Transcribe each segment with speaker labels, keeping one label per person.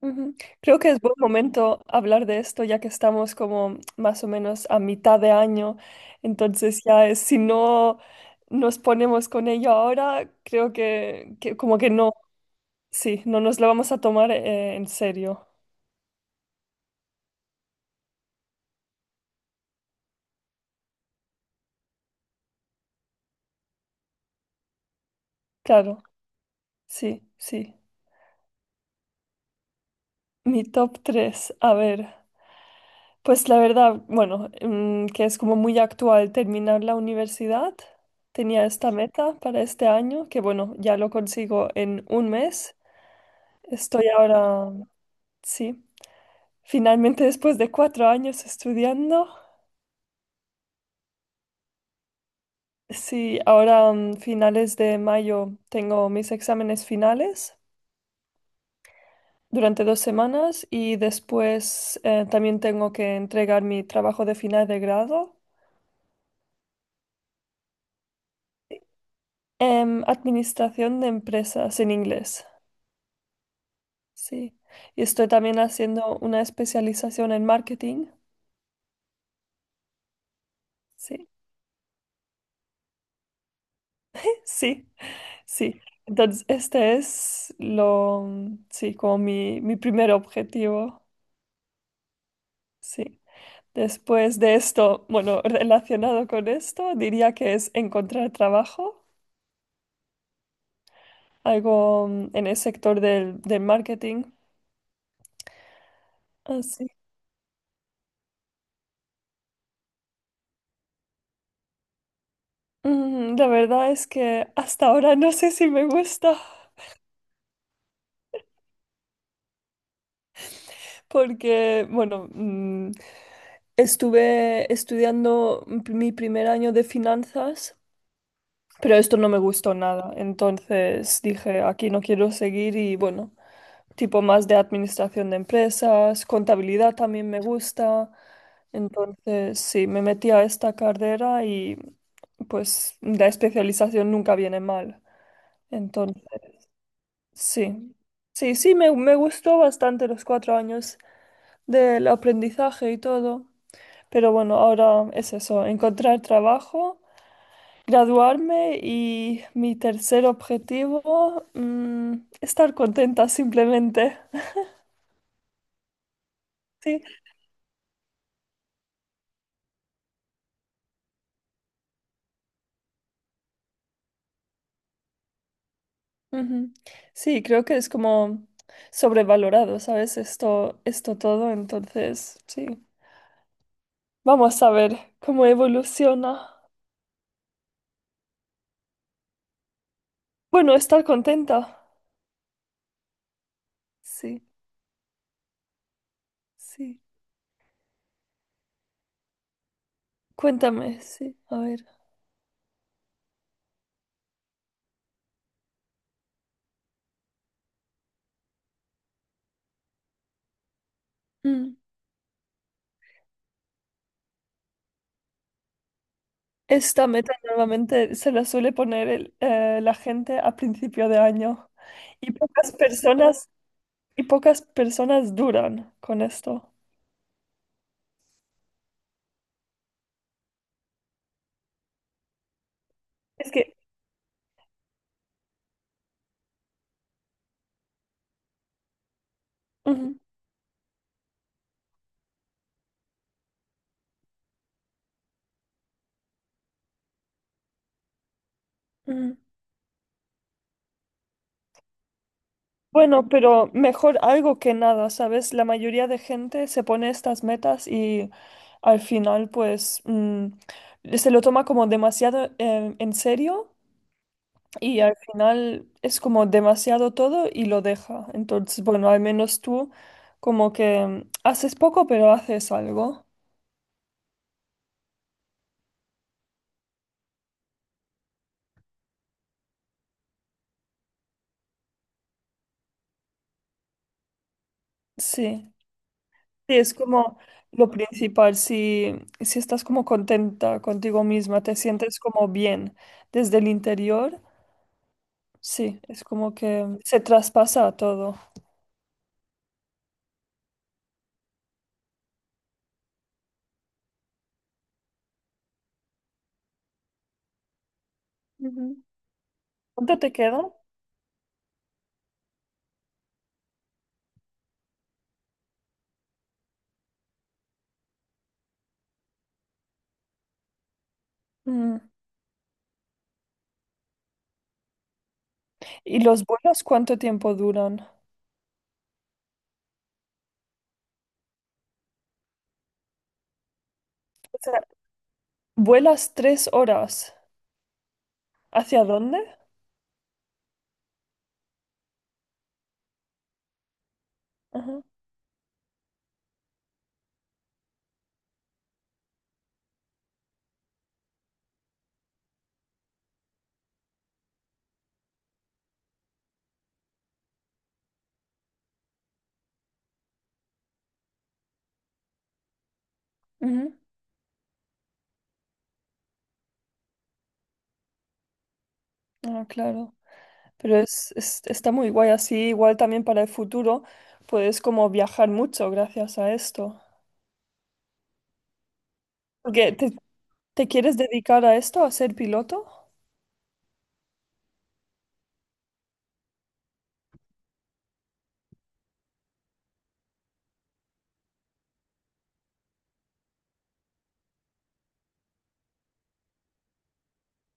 Speaker 1: Ujú. Creo que es buen momento hablar de esto ya que estamos como más o menos a mitad de año, entonces ya si no nos ponemos con ello ahora, creo que como que no, sí, no nos lo vamos a tomar en serio, claro, sí, sí. Mi top 3 a ver, pues la verdad, bueno, que es como muy actual terminar la universidad, tenía esta meta para este año, que bueno, ya lo consigo en un mes. Estoy ahora, sí, finalmente después de 4 años estudiando, sí, ahora finales de mayo tengo mis exámenes finales durante 2 semanas y después también tengo que entregar mi trabajo de final de grado en Administración de Empresas en inglés, sí. Y estoy también haciendo una especialización en marketing, sí, sí. Sí, entonces este es lo, sí, como mi primer objetivo, sí. Después de esto, bueno, relacionado con esto, diría que es encontrar trabajo, algo en el sector del marketing. Así. La verdad es que hasta ahora no sé si me gusta, porque, bueno, estuve estudiando mi primer año de finanzas. Pero esto no me gustó nada. Entonces dije, aquí no quiero seguir y bueno, tipo más de administración de empresas, contabilidad también me gusta. Entonces sí, me metí a esta carrera y pues la especialización nunca viene mal. Entonces sí, sí, sí, me gustó bastante los 4 años del aprendizaje y todo. Pero bueno, ahora es eso, encontrar trabajo graduarme y mi tercer objetivo, estar contenta simplemente. Sí, ujú. Sí, creo que es como sobrevalorado, ¿sabes? Esto todo, entonces, sí. Vamos a ver cómo evoluciona. Bueno, estar contenta. Sí, sí. Cuéntame, sí, a ver. Mm. Esta meta normalmente se la suele poner la gente a principio de año. Y pocas personas Y pocas personas duran con esto. Es que, ujú, ujú. Bueno, pero mejor algo que nada, ¿sabes? La mayoría de gente se pone estas metas y al final, pues, se lo toma como demasiado en serio y al final es como demasiado todo y lo deja. Entonces, bueno, al menos tú como que haces poco, pero haces algo. Sí. Sí, es como lo principal, si estás como contenta contigo misma, te sientes como bien desde el interior, sí, es como que se traspasa todo. Ujú. ¿Cuánto te queda? Mm. ¿Y los vuelos cuánto tiempo duran? O sea, vuelas 3 horas. ¿Hacia dónde? Ajá. Ujú. Ah, claro. Pero está muy guay así, igual también para el futuro puedes como viajar mucho gracias a esto. Porque te, ¿Te quieres dedicar a esto, a ser piloto?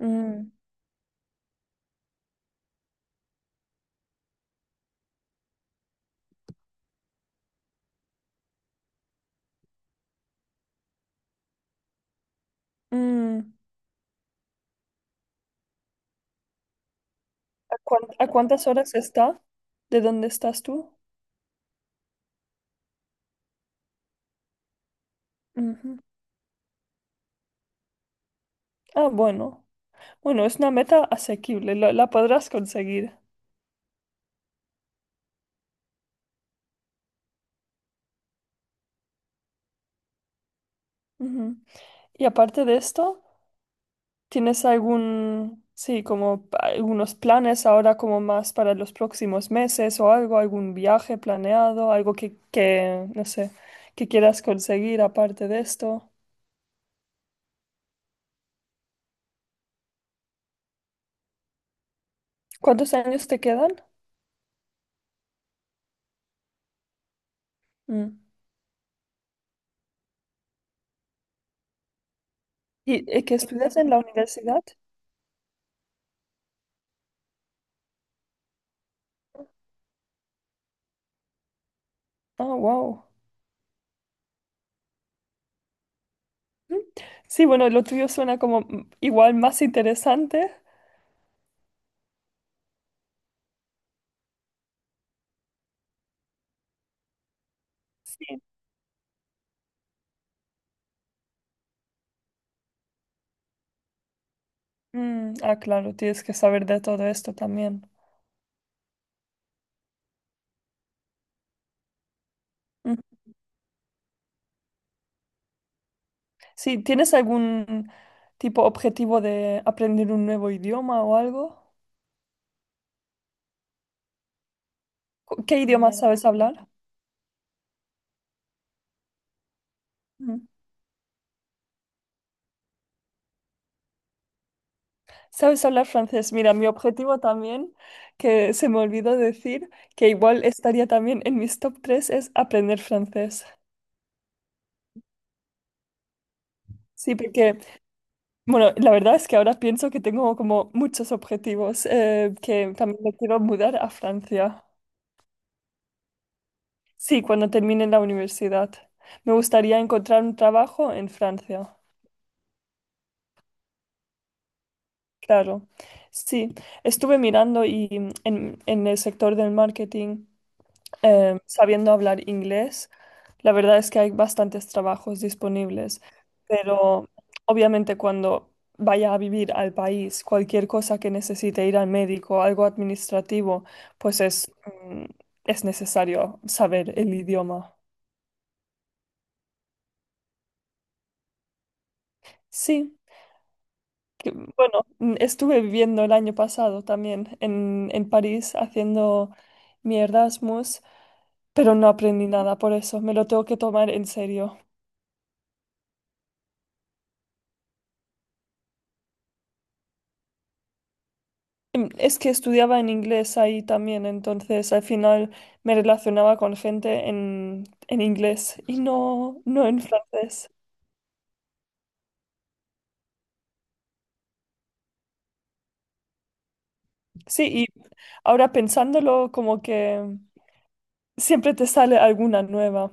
Speaker 1: Mm, mm. ¿A a cuántas horas está de dónde estás tú? Ujú. Ah, bueno. Bueno, es una meta asequible, la podrás conseguir. Ujú. Y aparte de esto, ¿tienes algún, sí, como algunos planes ahora como más para los próximos meses o algo, algún viaje planeado, algo que, no sé, que quieras conseguir aparte de esto? ¿Cuántos años te quedan? Mm. ¿Y que estudias en la universidad? Ah, wow. Mm. Sí, bueno, lo tuyo suena como igual más interesante. Sí. Mm, ah, claro, tienes que saber de todo esto también. Mm. Sí, ¿tienes algún tipo objetivo de aprender un nuevo idioma o algo? ¿Qué idioma, mira, sabes hablar? Mm. ¿Sabes hablar francés? Mira, mi objetivo también, que se me olvidó decir, que igual estaría también en mis top 3 es aprender francés. Sí, porque, bueno, la verdad es que ahora pienso que tengo como muchos objetivos, que también me quiero mudar a Francia. Sí, cuando termine la universidad. Me gustaría encontrar un trabajo en Francia. Claro, sí, estuve mirando y en, el sector del marketing, sabiendo hablar inglés, la verdad es que hay bastantes trabajos disponibles, pero obviamente cuando vaya a vivir al país, cualquier cosa que necesite ir al médico, algo administrativo, pues mm, es necesario saber el idioma. Sí, bueno, estuve viviendo el año pasado también en, París haciendo mi Erasmus. Pero no aprendí nada por eso, me lo tengo que tomar en serio. Es que estudiaba en inglés ahí también, entonces al final me relacionaba con gente en inglés y no, no en francés. Sí, y ahora pensándolo como que siempre te sale alguna nueva.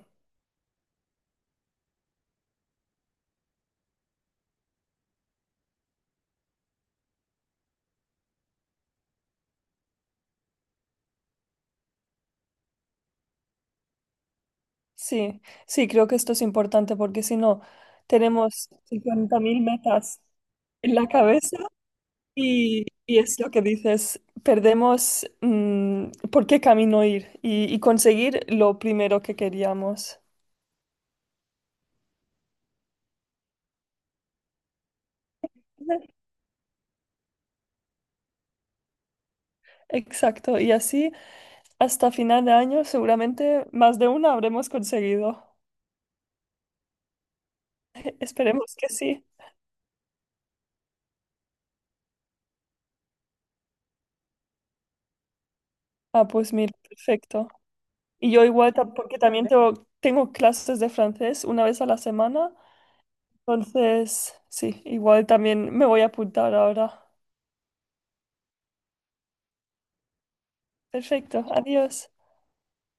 Speaker 1: Sí, sí, creo que esto es importante porque si no, tenemos 50.000 metas en la cabeza. Y es lo que dices, perdemos por qué camino ir y conseguir lo primero que queríamos. Exacto, y así hasta final de año seguramente más de una habremos conseguido. Esperemos que sí. Ah, pues mira, perfecto. Y yo igual, porque también tengo, clases de francés una vez a la semana, entonces sí, igual también me voy a apuntar ahora. Perfecto, adiós.